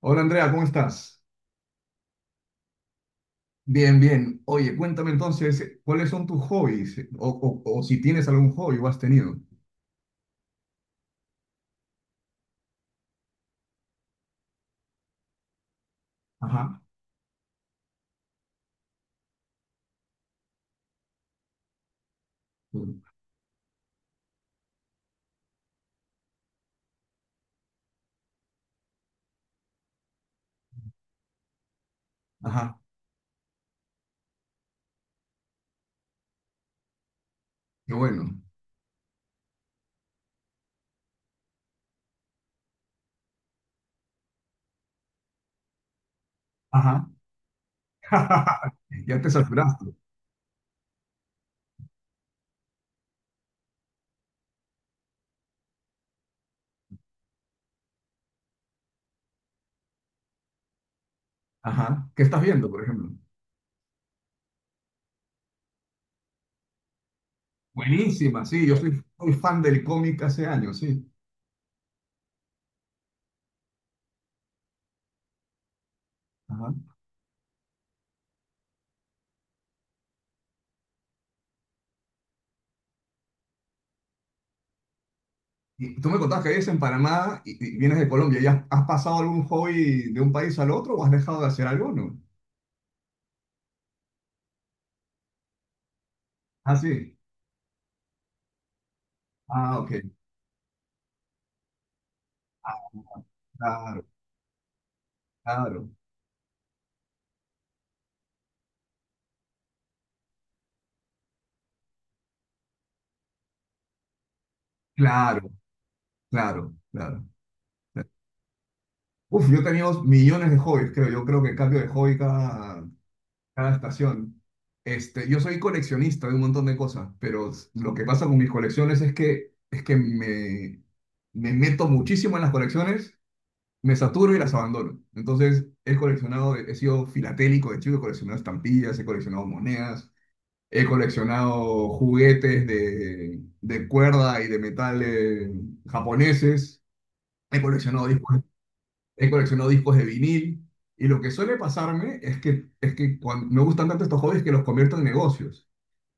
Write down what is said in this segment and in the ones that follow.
Hola Andrea, ¿cómo estás? Bien, bien. Oye, cuéntame entonces, ¿cuáles son tus hobbies? O si tienes algún hobby o has tenido. Ajá. Ajá, qué bueno. Ajá. Ya te saturaste. Ajá. ¿Qué estás viendo, por ejemplo? Buenísima, sí, yo soy fan del cómic hace años, sí. Ajá. Y tú me contabas que vives en Panamá y vienes de Colombia. ¿Ya has pasado algún hobby de un país al otro o has dejado de hacer alguno? Ah, sí. Ah, ok. Ah. Claro, claro, claro. Claro, claro. Claro. Uf, yo tenía 2 millones de hobbies, creo. Yo creo que cambio de hobby cada estación. Este, yo soy coleccionista de un montón de cosas, pero lo que pasa con mis colecciones es que, es que me meto muchísimo en las colecciones, me saturo y las abandono. Entonces, he coleccionado, he sido filatélico de chico, he coleccionado estampillas, he coleccionado monedas, he coleccionado juguetes de cuerda y de metal japoneses. He coleccionado discos he coleccionado discos de vinil, y lo que suele pasarme es que cuando me gustan tanto estos hobbies que los convierto en negocios.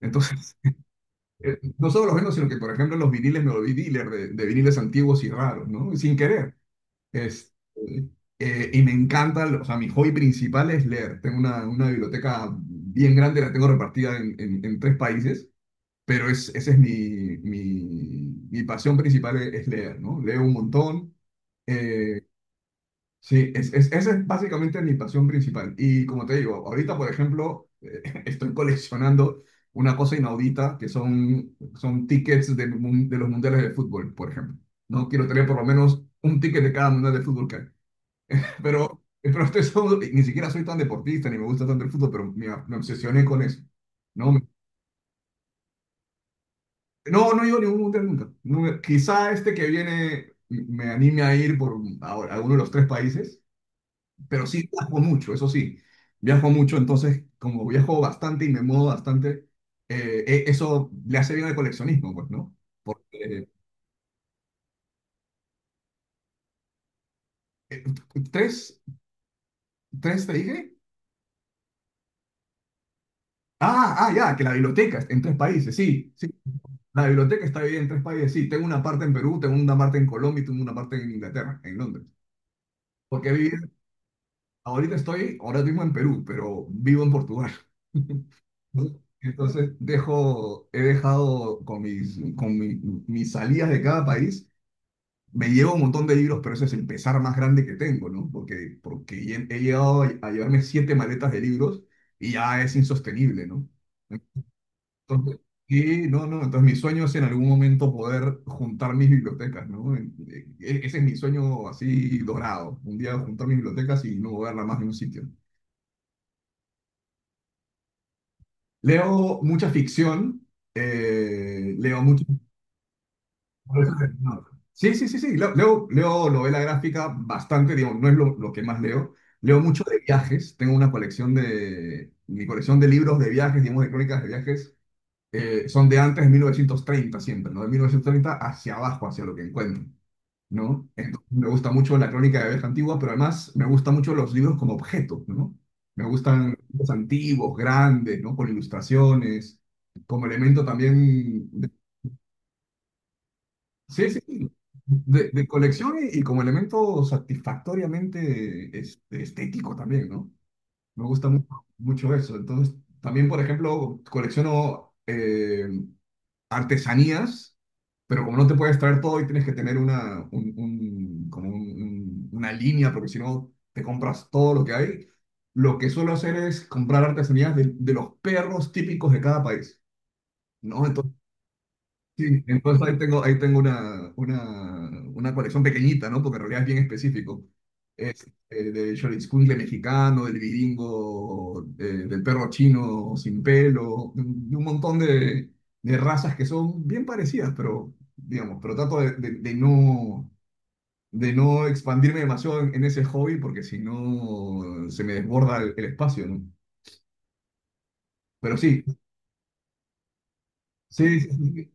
Entonces, no solo los vendo, sino que, por ejemplo, los viniles, me volví dealer de viniles antiguos y raros, ¿no? Sin querer. Es, y me encanta, o sea, mi hobby principal es leer. Tengo una biblioteca bien grande, la tengo repartida en tres países, pero esa es mi pasión principal, es leer, ¿no? Leo un montón. Eh, Sí, esa es básicamente mi pasión principal. Y como te digo, ahorita, por ejemplo, estoy coleccionando una cosa inaudita que son tickets de los mundiales de fútbol, por ejemplo. No quiero tener por lo menos un ticket de cada mundial de fútbol que hay. Pero ni siquiera soy tan deportista ni me gusta tanto el fútbol, pero me obsesioné con eso. No, no he ido a ningún mundial nunca. No me- Quizá este que viene me anime a ir por a uno de los tres países. Pero sí viajo mucho, eso sí. Viajo mucho, entonces, como viajo bastante y me muevo bastante, eso le hace bien al coleccionismo, pues, ¿no? Porque, eh, ¿tres, tres te dije? Ah, ah, ya, que la biblioteca está en tres países, sí, sí. La biblioteca está dividida en tres países, sí. Tengo una parte en Perú, tengo una parte en Colombia y tengo una parte en Inglaterra, en Londres. Porque he vivido- Ahora mismo en Perú, pero vivo en Portugal. Entonces he dejado con mis, mis salidas de cada país, me llevo un montón de libros, pero ese es el pesar más grande que tengo, ¿no? Porque he llegado a llevarme siete maletas de libros y ya es insostenible, ¿no? Entonces, sí, no, no, entonces mi sueño es en algún momento poder juntar mis bibliotecas, ¿no? Ese es mi sueño así dorado, un día juntar mis bibliotecas y no moverla más de un sitio. Leo mucha ficción, leo mucho. No. Sí, sí, sí, sí. Leo novela gráfica bastante, digo, no es lo que más leo. Leo mucho de viajes. Tengo una colección mi colección de libros de viajes, digamos, de crónicas de viajes. Son de antes de 1930 siempre, ¿no? De 1930 hacia abajo, hacia lo que encuentro, ¿no? Entonces, me gusta mucho la crónica de viajes antigua, pero además me gustan mucho los libros como objeto, ¿no? Me gustan los antiguos, grandes, ¿no? Con ilustraciones, como elemento también. Sí, sí, sí. de, colección y como elemento satisfactoriamente estético también, ¿no? Me gusta mucho eso. Entonces, también, por ejemplo, colecciono artesanías, pero como no te puedes traer todo y tienes que tener como una línea, porque si no te compras todo lo que hay, lo que suelo hacer es comprar artesanías de los perros típicos de cada país, ¿no? Entonces, sí, entonces ahí tengo una colección pequeñita, ¿no? Porque en realidad es bien específico. Es Del Xoloitzcuintle mexicano, del viringo, del perro chino sin pelo, de un montón de razas que son bien parecidas, pero, digamos, trato de no expandirme demasiado en ese hobby porque si no se me desborda el espacio, ¿no? Pero sí, sí, sí, sí.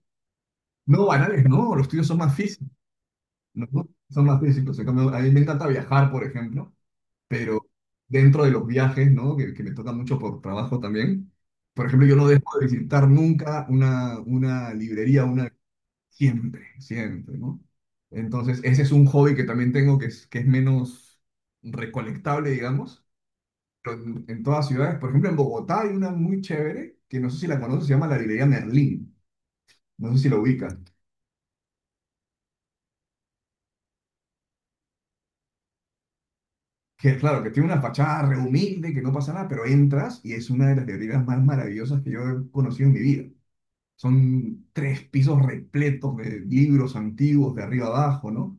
No, banales, no, los tuyos son más físicos. No, no, son más físicos. En cambio, a mí me encanta viajar, por ejemplo, pero dentro de los viajes, ¿no? Que me toca mucho por trabajo también. Por ejemplo, yo no dejo de visitar nunca una librería. Siempre, siempre, ¿no? Entonces, ese es un hobby que también tengo que es, menos recolectable, digamos, pero en todas ciudades. Por ejemplo, en Bogotá hay una muy chévere, que no sé si la conoces, se llama la librería Merlín. No sé si la ubicas. Que claro, que tiene una fachada re humilde, que no pasa nada, pero entras y es una de las librerías más maravillosas que yo he conocido en mi vida. Son tres pisos repletos de libros antiguos de arriba abajo, ¿no?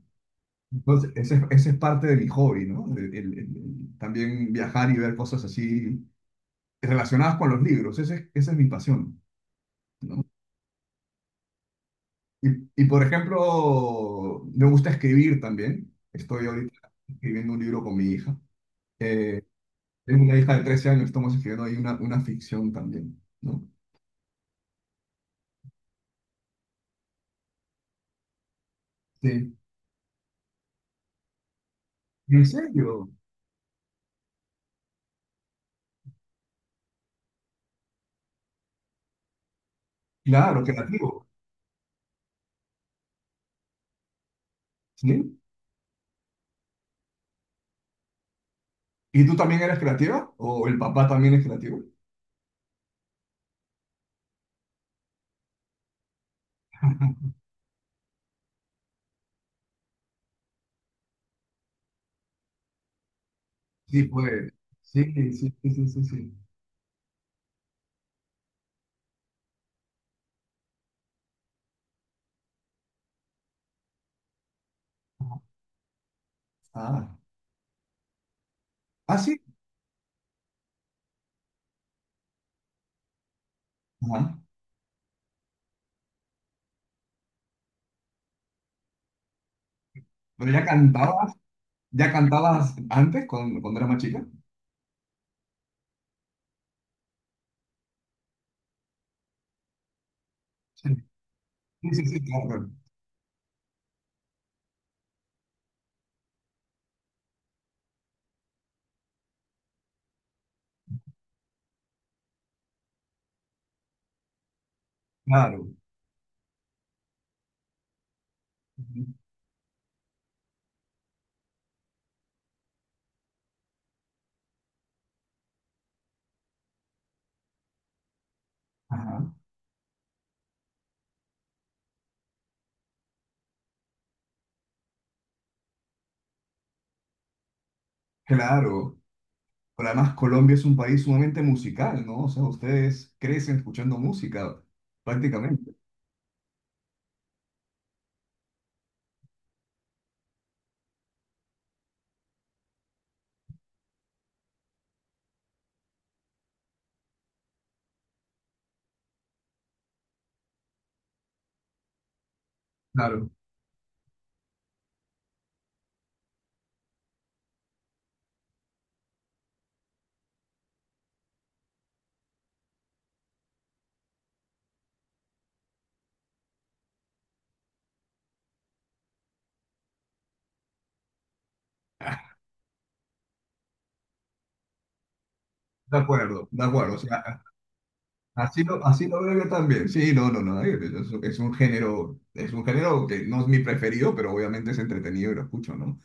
Entonces, ese es parte de mi hobby, ¿no? El también viajar y ver cosas así relacionadas con los libros, esa es mi pasión, ¿no? Y, y, por ejemplo, me gusta escribir también. Estoy ahorita escribiendo un libro con mi hija. Eh, Tengo una hija de 13 años, estamos escribiendo ahí una ficción también, ¿no? Sí. ¿En serio? Claro, creativo. ¿Sí? ¿Y tú también eres creativa? ¿O el papá también es creativo? Sí, pues. Sí, sí, sí, sí, sí. Sí. Ah, ah, sí. Ajá. Pero ya cantabas antes cuando, eras más chica. Sí, sí, sí, sí, claro. Claro. Ujú. Ajá. Claro. Pero además Colombia es un país sumamente musical, ¿no? O sea, ustedes crecen escuchando música, prácticamente. Claro, de acuerdo, de acuerdo. O sea, así lo veo yo también. Sí, no, no, no. Es un género que no es mi preferido, pero obviamente es entretenido y lo escucho, ¿no?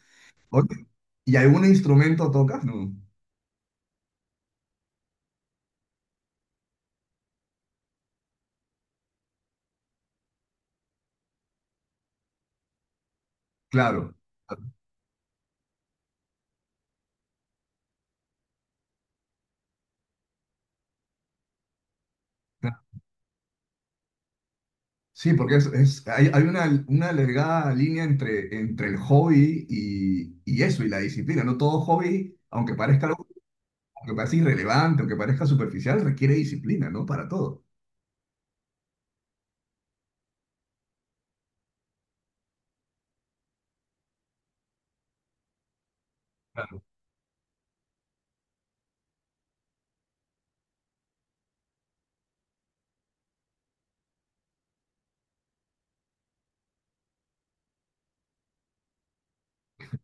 Oye, ¿y algún instrumento tocas? No. Claro. Sí, porque hay una delgada línea entre el hobby y eso, y la disciplina, ¿no? Todo hobby, aunque parezca aunque parezca irrelevante, aunque parezca superficial, requiere disciplina, ¿no? Para todo. Claro,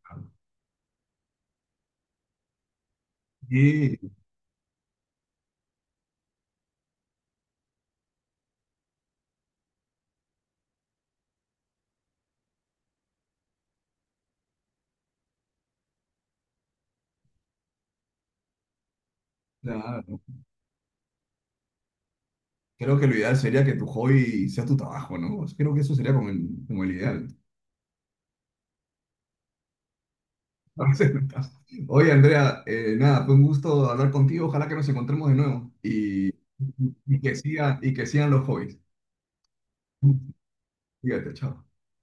claro. Sí, claro. Creo que lo ideal sería que tu hobby sea tu trabajo, ¿no? Creo que eso sería como el, ideal. A veces no estás. Oye, Andrea, nada, fue un gusto hablar contigo. Ojalá que nos encontremos de nuevo y que sigan los hobbies. Fíjate, chao.